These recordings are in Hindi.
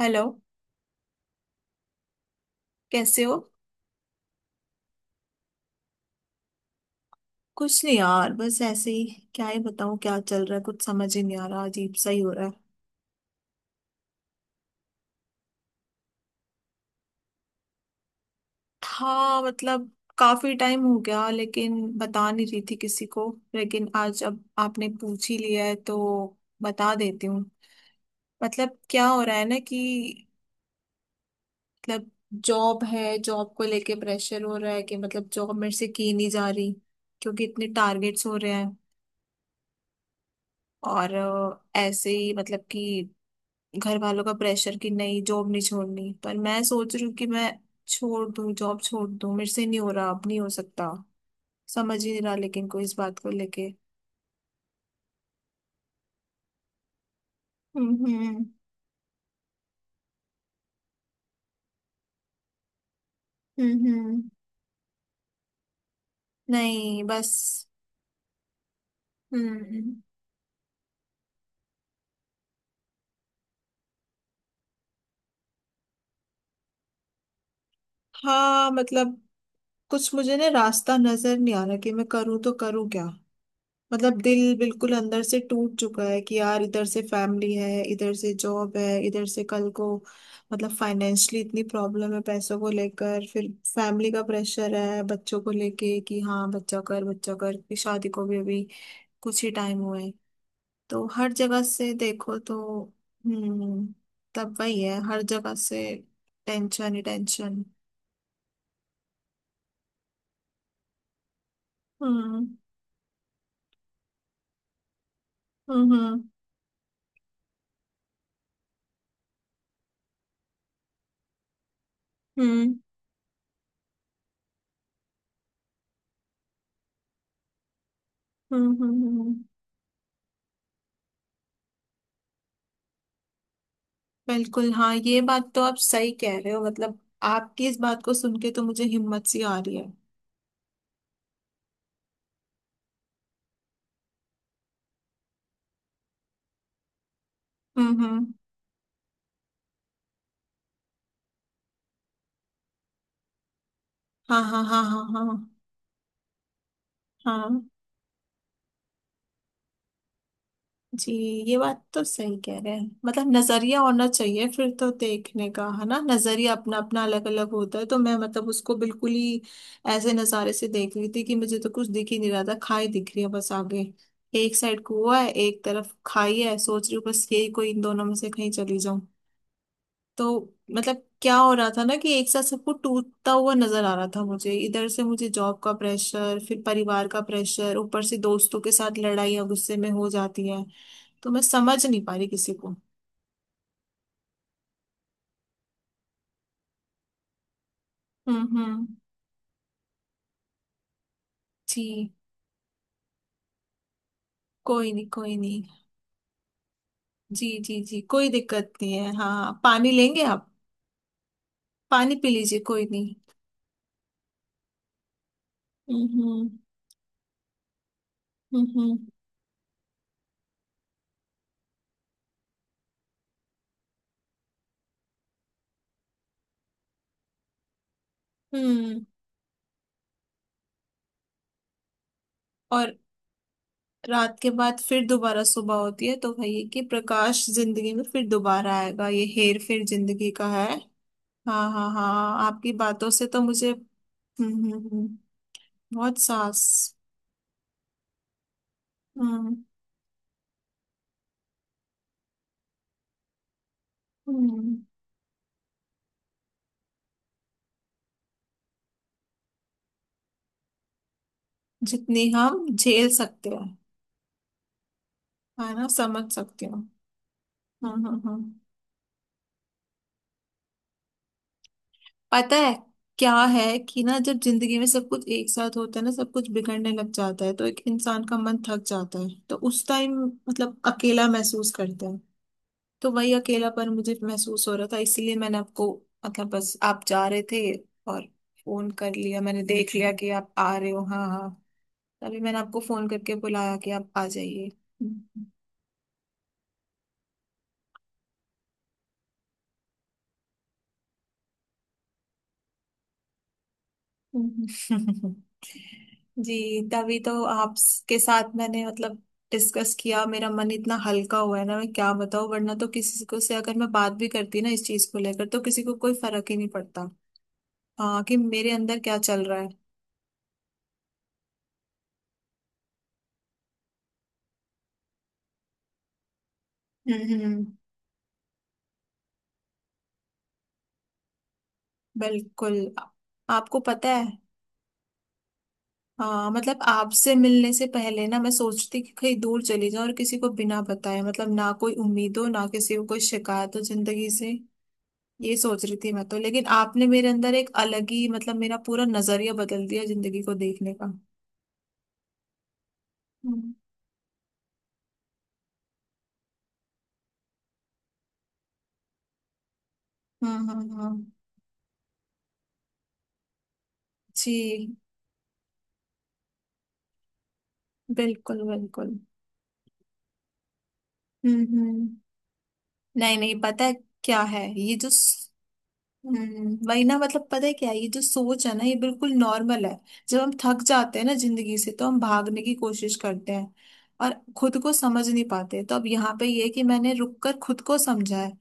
हेलो। कैसे हो? कुछ नहीं यार, बस ऐसे ही। क्या ही बताऊं, क्या चल रहा है, कुछ समझ ही नहीं आ रहा, अजीब सा ही हो रहा है। था मतलब काफी टाइम हो गया लेकिन बता नहीं रही थी किसी को, लेकिन आज अब आपने पूछ ही लिया है तो बता देती हूँ। मतलब क्या हो रहा है ना कि मतलब जॉब है, जॉब को लेके प्रेशर हो रहा है कि मतलब जॉब मेरे से की नहीं जा रही क्योंकि इतने टारगेट्स हो रहे हैं। और ऐसे ही मतलब कि घर वालों का प्रेशर कि नहीं जॉब नहीं छोड़नी, पर मैं सोच रही हूँ कि मैं छोड़ दूँ, जॉब छोड़ दूँ, मेरे से नहीं हो रहा, अब नहीं हो सकता, समझ ही नहीं रहा लेकिन कोई इस बात को लेके। हम्म। हम्म हम्म, नहीं बस। हम्म। हाँ मतलब कुछ मुझे ना रास्ता नजर नहीं आ रहा कि मैं करूँ तो करूँ क्या। मतलब दिल बिल्कुल अंदर से टूट चुका है कि यार इधर से फैमिली है, इधर से जॉब है, इधर से कल को मतलब फाइनेंशियली इतनी प्रॉब्लम है पैसों को लेकर, फिर फैमिली का प्रेशर है बच्चों को लेके कि हाँ बच्चा कर बच्चा कर, कि शादी को भी अभी कुछ ही टाइम हुआ है। तो हर जगह से देखो तो। हम्म। तब वही है, हर जगह से टेंशन ही टेंशन। हम्म हम्म हम्म हम्म हम्म। बिल्कुल हाँ, ये बात तो आप सही कह रहे हो। मतलब आपकी इस बात को सुन के तो मुझे हिम्मत सी आ रही है। हम्म। हाँ हाँ हाँ हाँ हाँ। हाँ। जी। ये बात तो सही कह रहे हैं। मतलब नजरिया होना चाहिए फिर तो, देखने का है ना, नजरिया अपना अपना अलग अलग होता है, तो मैं मतलब उसको बिल्कुल ही ऐसे नजारे से देख रही थी कि मुझे तो कुछ दिख ही नहीं रहा था, खाई दिख रही है बस आगे। एक साइड कुआ है, एक तरफ खाई है, सोच रही हूँ बस यही कोई इन दोनों में से कहीं चली। तो मतलब क्या हो रहा था ना कि एक साथ सबको टूटता हुआ नजर आ रहा था मुझे, इधर से मुझे जॉब का प्रेशर, फिर परिवार का प्रेशर, ऊपर से दोस्तों के साथ लड़ाइयाँ गुस्से में हो जाती है, तो मैं समझ नहीं पा रही किसी को। हम्म। जी, कोई नहीं कोई नहीं। जी जी जी, कोई दिक्कत नहीं है, हाँ पानी लेंगे आप? पानी पी लीजिए, कोई नहीं। हम्म। हम्म हम्म हम्म। और रात के बाद फिर दोबारा सुबह होती है, तो वही है कि प्रकाश जिंदगी में फिर दोबारा आएगा, ये हेर फेर जिंदगी का है। हाँ हाँ हाँ, आपकी बातों से तो मुझे। हम्म हम्म, हम्म, बहुत सांस। हम्म हम्म, जितनी हम झेल सकते हैं, है ना, समझ सकते हो। हम्म हम्म हम्म। पता है क्या है कि ना जब जिंदगी में सब कुछ एक साथ होता है ना, सब कुछ बिगड़ने लग जाता है, तो एक इंसान का मन थक जाता है, तो उस टाइम मतलब अकेला महसूस करता है। तो वही अकेलापन मुझे महसूस हो रहा था, इसीलिए मैंने आपको मतलब बस आप जा रहे थे और फोन कर लिया, मैंने देख लिया कि आप आ रहे हो, हाँ हाँ, तभी मैंने आपको फोन करके बुलाया कि आप आ जाइए। हम्म। जी तभी तो आपके साथ मैंने मतलब डिस्कस किया, मेरा मन इतना हल्का हुआ है ना, मैं क्या बताऊं, वरना तो किसी को से अगर मैं बात भी करती ना इस चीज को लेकर, तो किसी को कोई फर्क ही नहीं पड़ता, हाँ कि मेरे अंदर क्या चल रहा है। हम्म। बिल्कुल, आपको पता है, हाँ मतलब आपसे मिलने से पहले ना मैं सोचती कि कहीं दूर चली जाऊं और किसी को बिना बताए, मतलब ना कोई उम्मीद हो ना किसी को कोई शिकायत हो जिंदगी से, ये सोच रही थी मैं तो, लेकिन आपने मेरे अंदर एक अलग ही मतलब मेरा पूरा नजरिया बदल दिया जिंदगी को देखने का। हम्म हम्म हम्म, हम्म, जी। बिल्कुल बिल्कुल। हम्म। नहीं नहीं पता है, क्या है ये जो स-। हम्म, वही ना, मतलब पता है क्या है, ये जो सोच है ना ये बिल्कुल नॉर्मल है। जब हम थक जाते हैं ना जिंदगी से, तो हम भागने की कोशिश करते हैं और खुद को समझ नहीं पाते, तो अब यहाँ पे ये है कि मैंने रुक कर खुद को समझा है,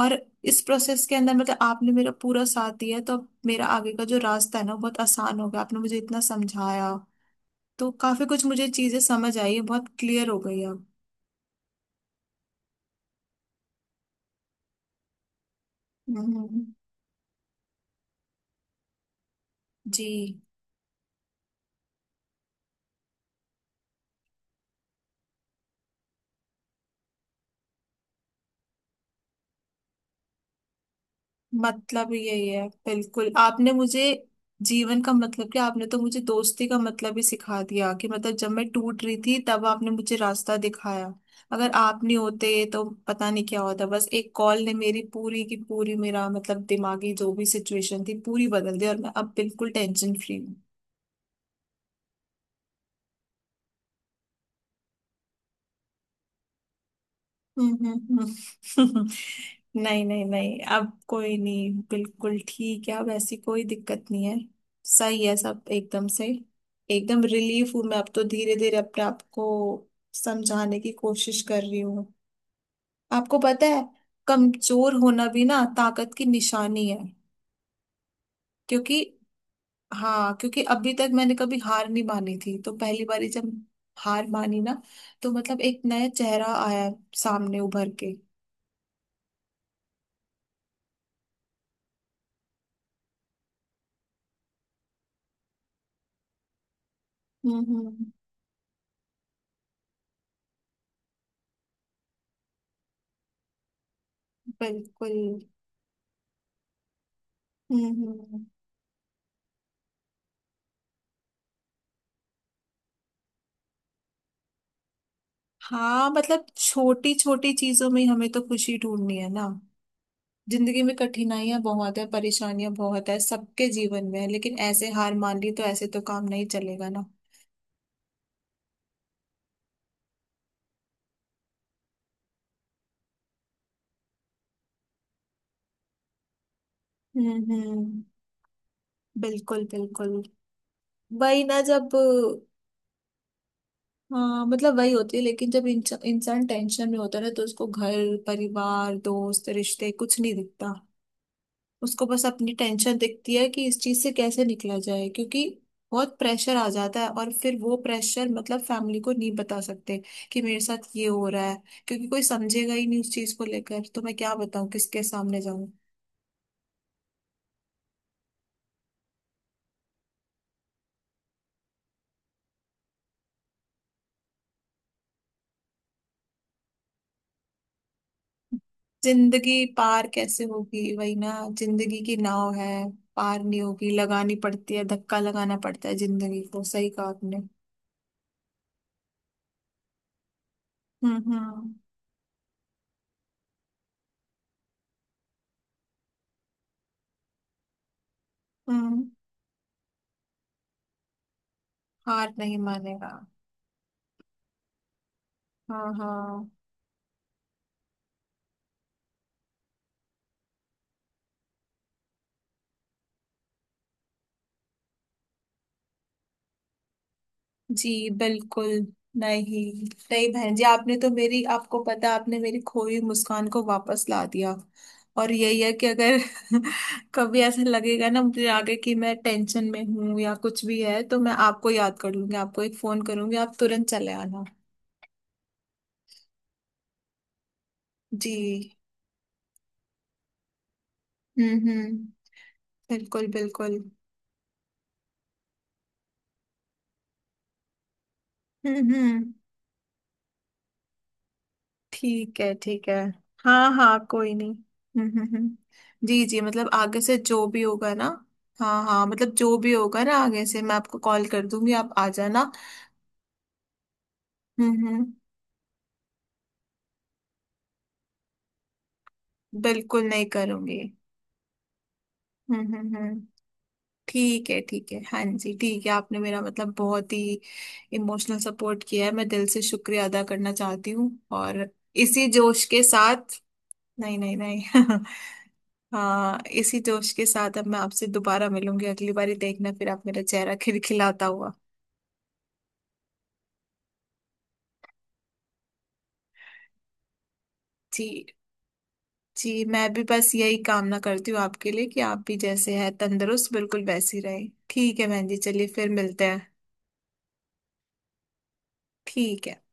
और इस प्रोसेस के अंदर मतलब आपने मेरा पूरा साथ दिया है, तो अब मेरा आगे का जो रास्ता है ना वो बहुत आसान हो गया, आपने मुझे इतना समझाया, तो काफी कुछ मुझे चीजें समझ आई है, बहुत क्लियर हो गई अब। हम्म। जी, मतलब यही है, बिल्कुल आपने मुझे जीवन का मतलब क्या, आपने तो मुझे दोस्ती का मतलब ही सिखा दिया कि मतलब जब मैं टूट रही थी तब आपने मुझे रास्ता दिखाया, अगर आप नहीं होते तो पता नहीं क्या होता, बस एक कॉल ने मेरी पूरी की पूरी, मेरा मतलब दिमागी जो भी सिचुएशन थी पूरी बदल दी, और मैं अब बिल्कुल टेंशन फ्री हूँ। हम्म। हम्म नहीं नहीं नहीं, अब कोई नहीं, बिल्कुल ठीक है, अब ऐसी कोई दिक्कत नहीं है। सही है सब एकदम से, एकदम रिलीफ हूँ मैं, अब तो धीरे धीरे अपने आप को समझाने की कोशिश कर रही हूँ। आपको पता है, कमजोर होना भी ना ताकत की निशानी है, क्योंकि हाँ क्योंकि अभी तक मैंने कभी हार नहीं मानी थी, तो पहली बारी जब हार मानी ना तो मतलब एक नया चेहरा आया सामने उभर के। हम्म। बिल्कुल। हम्म। हाँ मतलब छोटी छोटी चीजों में ही हमें तो खुशी ढूंढनी है ना, जिंदगी में कठिनाइयां बहुत है, परेशानियां बहुत है, सबके जीवन में है, लेकिन ऐसे हार मान ली तो ऐसे तो काम नहीं चलेगा ना। हम्म। बिल्कुल बिल्कुल, वही ना जब। हाँ मतलब वही होती है, लेकिन जब इंसान टेंशन में होता है ना तो उसको घर परिवार दोस्त रिश्ते कुछ नहीं दिखता, उसको बस अपनी टेंशन दिखती है कि इस चीज से कैसे निकला जाए, क्योंकि बहुत प्रेशर आ जाता है, और फिर वो प्रेशर मतलब फैमिली को नहीं बता सकते कि मेरे साथ ये हो रहा है, क्योंकि कोई समझेगा ही नहीं उस चीज को लेकर, तो मैं क्या बताऊं, किसके सामने जाऊं? जिंदगी पार कैसे होगी, वही ना, जिंदगी की नाव है पार नहीं होगी, लगानी पड़ती है, धक्का लगाना पड़ता है जिंदगी को, सही कहा आपने। हम्म। हम्म, हार नहीं मानेगा। हाँ हाँ। जी बिल्कुल। नहीं नहीं बहन जी, आपने तो मेरी, आपको पता है, आपने मेरी खोई मुस्कान को वापस ला दिया, और यही है कि अगर कभी ऐसा लगेगा ना मुझे आगे कि मैं टेंशन में हूं या कुछ भी है, तो मैं आपको याद कर लूंगी, आपको एक फोन करूंगी, आप तुरंत चले आना। जी। हम्म। बिल्कुल बिल्कुल। हम्म। ठीक है ठीक है। हाँ हाँ, कोई नहीं। जी जी मतलब आगे से जो भी होगा ना, हाँ हाँ मतलब जो भी होगा ना आगे से मैं आपको कॉल कर दूंगी, आप आ जाना। हम्म। बिल्कुल नहीं करूंगी। हम्म। ठीक है ठीक है, हाँ जी ठीक है, आपने मेरा मतलब बहुत ही इमोशनल सपोर्ट किया है, मैं दिल से शुक्रिया अदा करना चाहती हूँ, और इसी जोश के साथ, नहीं नहीं नहीं हाँ इसी जोश के साथ अब मैं आपसे दोबारा मिलूंगी, अगली बारी देखना फिर आप मेरा चेहरा खिलखिलाता हुआ। जी जी, मैं भी बस यही कामना करती हूँ आपके लिए कि आप भी जैसे हैं तंदुरुस्त बिल्कुल वैसी रहे, ठीक है बहन जी, चलिए फिर मिलते हैं, ठीक है।